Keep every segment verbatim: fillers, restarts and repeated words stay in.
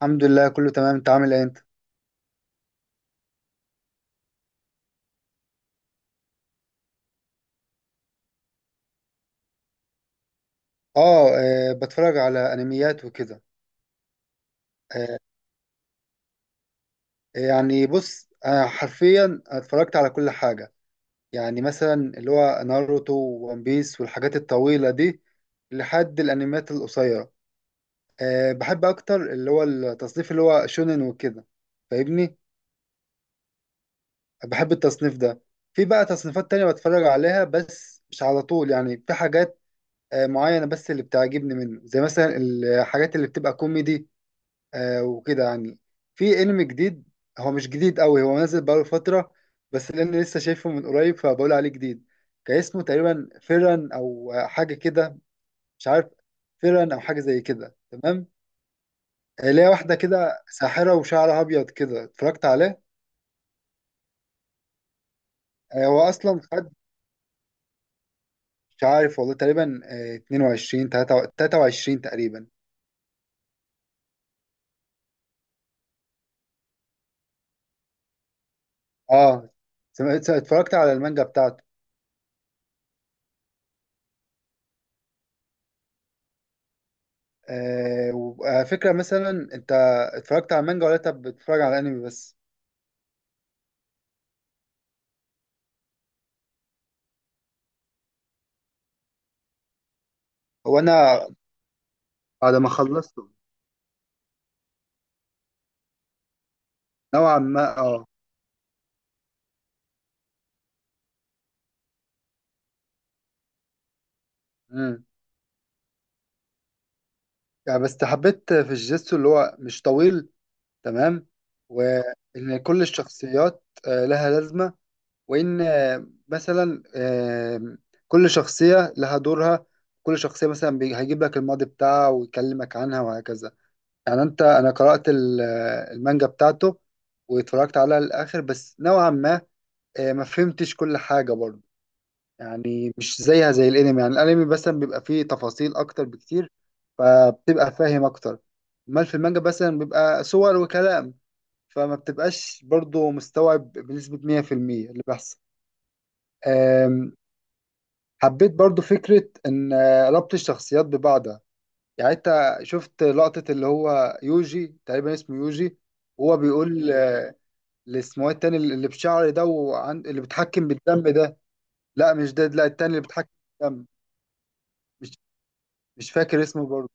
الحمد لله، كله تمام. انت عامل ايه انت؟ اه، آه، بتفرج على انميات وكده. آه، يعني بص، انا حرفيا اتفرجت على كل حاجه. يعني مثلا اللي هو ناروتو وون بيس والحاجات الطويله دي لحد الانميات القصيره. آه، بحب اكتر اللي هو التصنيف اللي هو شونن وكده. فاهمني؟ بحب التصنيف ده. في بقى تصنيفات تانية بتفرج عليها بس مش على طول، يعني في حاجات آه، معينة، بس اللي بتعجبني منه زي مثلا الحاجات اللي بتبقى كوميدي آه وكده يعني. في انمي جديد، هو مش جديد قوي، هو نازل بقاله فترة، بس لأن لسه شايفه من قريب فبقول عليه جديد. كان اسمه تقريبا فيران أو حاجة كده، مش عارف. فيران أو حاجة زي كده، تمام. آه، ليها واحدة كده ساحرة وشعرها أبيض كده، اتفرجت عليه. آه، هو أصلا خد، مش عارف والله، تقريبا آه، اتنين وعشرين تلاتة وعشرين تقريبا. اه، سمعت- اتفرجت على المانجا بتاعته. آه وعلى فكرة، مثلا انت اتفرجت على المانجا ولا انت بتتفرج على الانمي بس؟ هو انا بعد ما خلصته نوعا ما، اه. امم يعني بس حبيت في الجيتسو اللي هو مش طويل، تمام. وان كل الشخصيات آه، لها لازمه. وان آه، مثلا آه، كل شخصيه لها دورها. كل شخصيه مثلا بي- هيجيب لك الماضي بتاعها ويكلمك عنها وهكذا. يعني، انت انا قرات ال- آه، المانجا بتاعته واتفرجت عليها للاخر، بس نوعا ما آه، ما فهمتش كل حاجه برضه. يعني مش زيها زي الانمي. يعني الانمي مثلا بيبقى فيه تفاصيل اكتر بكتير، فبتبقى فاهم اكتر. امال في المانجا مثلا بيبقى صور وكلام، فما بتبقاش برضو مستوعب بنسبة مية في المية، اللي بيحصل. أم، حبيت برضو فكرة ان آه، ربط الشخصيات ببعضها. يعني انت شفت لقطة اللي هو يوجي، تقريبا اسمه يوجي. هو بيقول آه، اللي اسمه التاني اللي بشعر ده وعن... اللي بيتحكم بالدم ده. لا، مش ده، لا التاني اللي بيتحكم بالدم. مش فاكر اسمه برضه.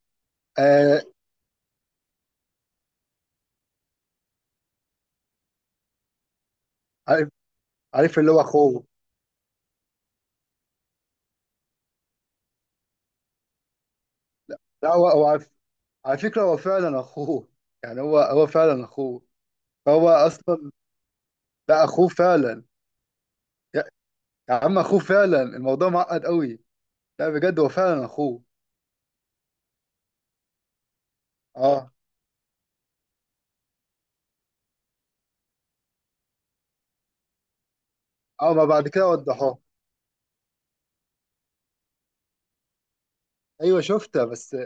آه عارف عارف اللي هو اخوه. لا، هو هو عارف. على فكره هو فعلا اخوه. يعني هو هو فعلا اخوه. فهو اصلا، لا اخوه فعلا. يا, يا عم، اخوه فعلا، الموضوع معقد قوي. لا، بجد هو فعلا اخوه. اه، اه، ما بعد كده وضحوه. ايوه شفتها بس.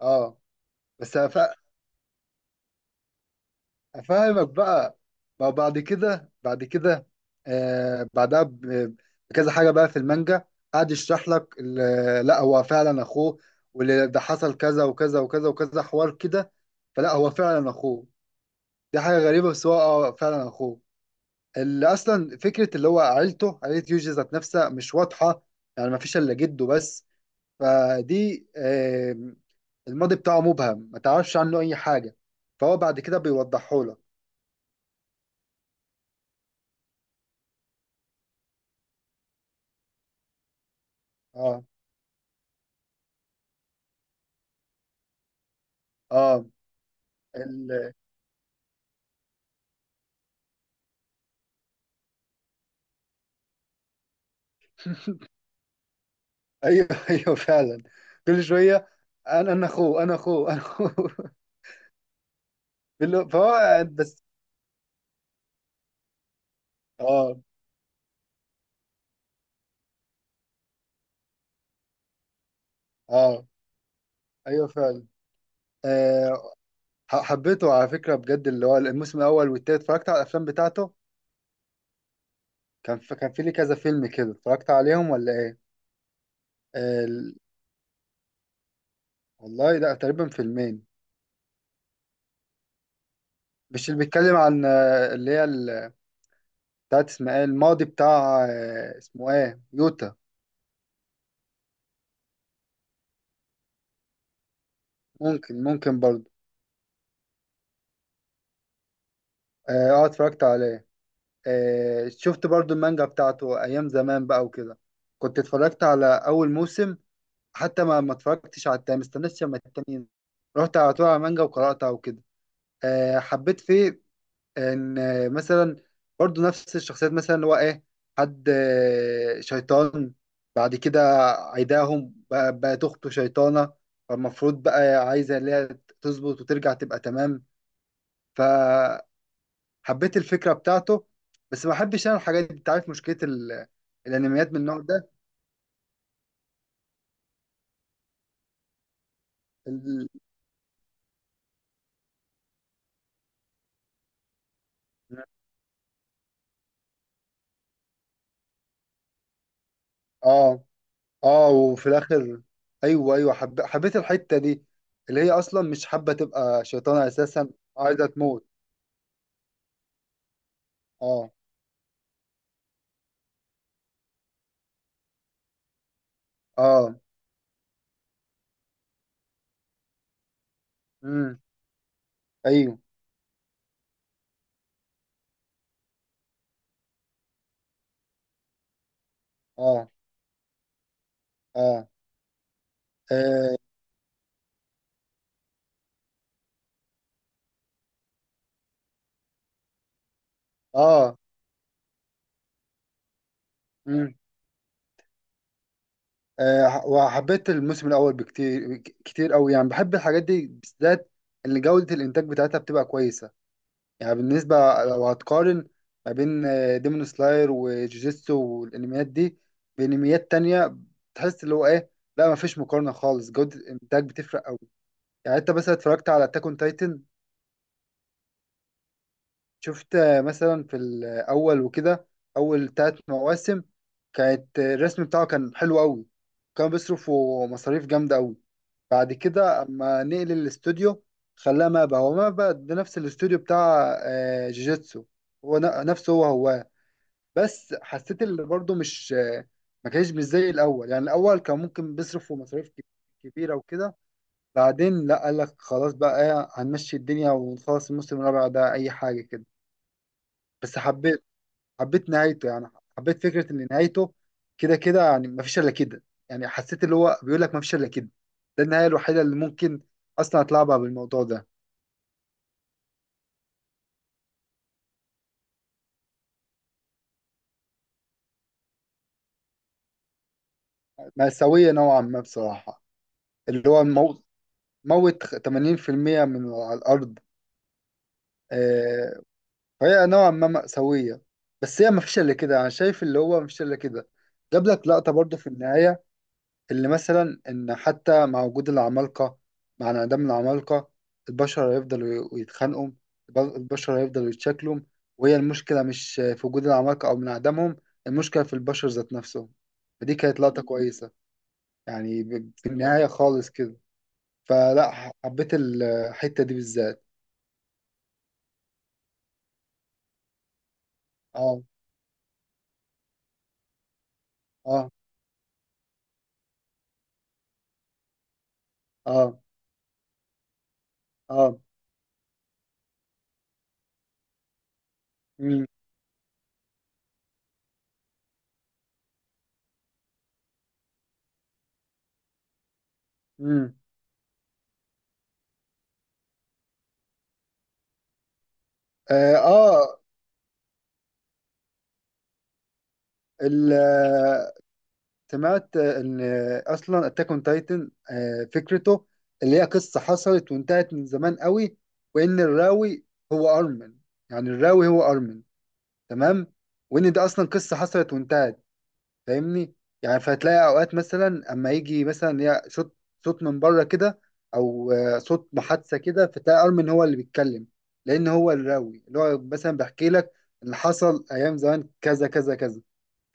اه، بس افهمك بقى. ما هو بعد كده بعد كده، آه بعدها ب- بكذا حاجه بقى في المانجا، قعد يشرح لك ال- لا هو فعلا اخوه، واللي ده حصل كذا وكذا وكذا وكذا حوار كده. فلا، هو فعلا اخوه. دي حاجه غريبه، بس هو اه فعلا اخوه. اللي اصلا فكره اللي هو عيلته، عيله يوجي ذات نفسها مش واضحه. يعني ما فيش الا جده بس، فدي آه الماضي بتاعه مبهم، ما تعرفش عنه اي حاجه، فهو بعد كده بيوضحه لك. اه، اه، ال... ايوه، ايوه، فعلا. كل شويه، انا انا اخوه، انا اخوه، انا اخوه بال- فهو قاعد بس. اه، اه، ايوه فعلا. أه ح- حبيته على فكره بجد، اللي هو الموسم الاول والتالت، اتفرجت على الافلام بتاعته. كان في كان في لي كذا فيلم كده، اتفرجت عليهم ولا ايه؟ آه ال... والله لا، تقريبا فيلمين. مش اللي بيتكلم عن آه، اللي هي ال- بتاعت اسمها ايه، الماضي بتاع آه، اسمه ايه يوتا؟ ممكن ممكن برضه. اه، آه، اتفرجت عليه. آه، شفت برضو المانجا بتاعته ايام زمان بقى وكده. كنت اتفرجت على اول موسم، حتى ما ما اتفرجتش على التاني، مستنيش لما التاني ينزل. رحت على طول على المانجا وقراتها وكده. آه، حبيت فيه ان آه، مثلا برضو نفس الشخصيات، مثلا اللي هو ايه، حد آه، شيطان. بعد كده عيداهم بقى- بقت اخته شيطانة. فالمفروض بقى عايزة اللي هي تظبط وترجع تبقى تمام. ف حبيت الفكرة بتاعته، بس ما بحبش انا الحاجات دي، انت عارف مشكلة ال... الانميات من النوع ده. ال... اه، اه، وفي الاخر، ايوه، ايوه، حب... حبيت الحتة دي، اللي هي اصلا مش حابة تبقى شيطانة اساسا، عايزة تموت. اه، اه، امم، ايوه، اه، اه، اه، اه، امم آه. وحبيت الموسم الاول بكتير كتير قوي، يعني بحب الحاجات دي بالذات، اللي جودة الانتاج بتاعتها بتبقى كويسة. يعني بالنسبة لو هتقارن ما بين آه، ديمون سلاير وجوجيتسو والانميات دي بانميات تانية، تحس اللي هو ايه؟ لا، ما فيش مقارنة خالص، جودة الانتاج بتفرق قوي. يعني انت مثلا اتفرجت على اتاك اون تايتن. شفت آه، مثلا في الاول وكده، اول تلات مواسم، كانت آه، الرسم بتاعه كان حلو قوي، كان بيصرفوا مصاريف جامدة قوي. بعد كده اما نقل الاستوديو خلاه مابا، هو مابا ده نفس الاستوديو بتاع آه، جوجيتسو، هو ن- نفسه هو هو. بس حسيت اللي برضه مش، ما كانش مش زي الاول. يعني الاول كان ممكن بيصرف في مصاريف كب- كبيره وكده. بعدين لا، قال لك خلاص بقى إيه، هنمشي الدنيا ونخلص الموسم الرابع ده اي حاجه كده. بس حبيت حبيت نهايته يعني. حبيت فكره ان نهايته كده كده، يعني ما فيش الا كده. يعني حسيت اللي هو بيقول لك ما فيش الا كده، ده النهايه الوحيده اللي ممكن اصلا اتلعبها بالموضوع ده. مأساوية نوعا ما بصراحه، اللي هو مو- موت تمانين في المية من على الارض. آه، هي نوعا ما مأساوية، بس هي مفيش إلا كده، أنا شايف اللي هو مفيش إلا كده. جاب لك لقطة برضه في النهاية، اللي مثلا إن حتى مع وجود العمالقة، مع انعدام العمالقة البشر هيفضلوا يتخانقوا، الب- البشر هيفضلوا يتشكلوا. وهي المشكلة مش في وجود العمالقة أو من عدمهم، المشكلة في البشر ذات نفسهم. فدي كانت لقطة كويسة، يعني ب- في النهاية خالص كده. فلا، ح- حبيت الحتة دي بالذات. اه، اه، اه، اه، مم. مم. اه، آه، ال- آه، سمعت آه، ان آه، اصلا اتاك اون تايتن فكرته اللي هي قصه حصلت وانتهت من زمان قوي، وان الراوي هو ارمن. يعني الراوي هو ارمن، تمام. وان ده اصلا قصه حصلت وانتهت، فاهمني؟ يعني فهتلاقي اوقات مثلا اما يجي مثلا يا صوت، صوت من بره كده، او آه، صوت محادثه كده، فتلاقي ارمن هو اللي بيتكلم، لان هو الراوي اللي هو مثلا بيحكي لك اللي حصل ايام زمان، كذا كذا كذا.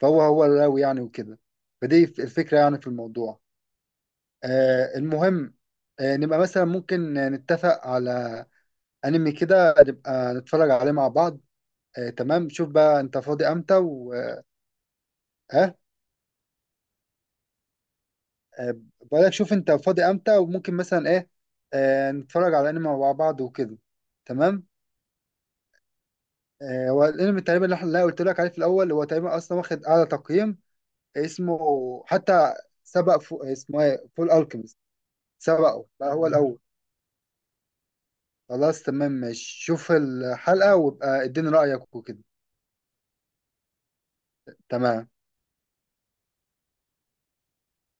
فهو هو الراوي، يعني وكده. فدي الفكرة، يعني في الموضوع. آه المهم، آه نبقى مثلا ممكن نتفق على أنمي كده، نبقى نتفرج عليه مع بعض. آه تمام، شوف بقى أنت فاضي أمتى و، آه آه، بقولك، شوف أنت فاضي أمتى وممكن مثلا إيه، آه نتفرج على أنمي مع بعض وكده، تمام. آه هو الأنمي تقريبا اللي إحنا- اللي أنا قلت لك عليه في الأول، هو تقريبا أصلا واخد أعلى تقييم. اسمه، حتى سبق فو اسمه إيه، فول ألكيميست. سبقه بقى هو الأول. خلاص، تمام، ماشي، شوف الحلقة وابقى اديني رأيك وكده. تمام.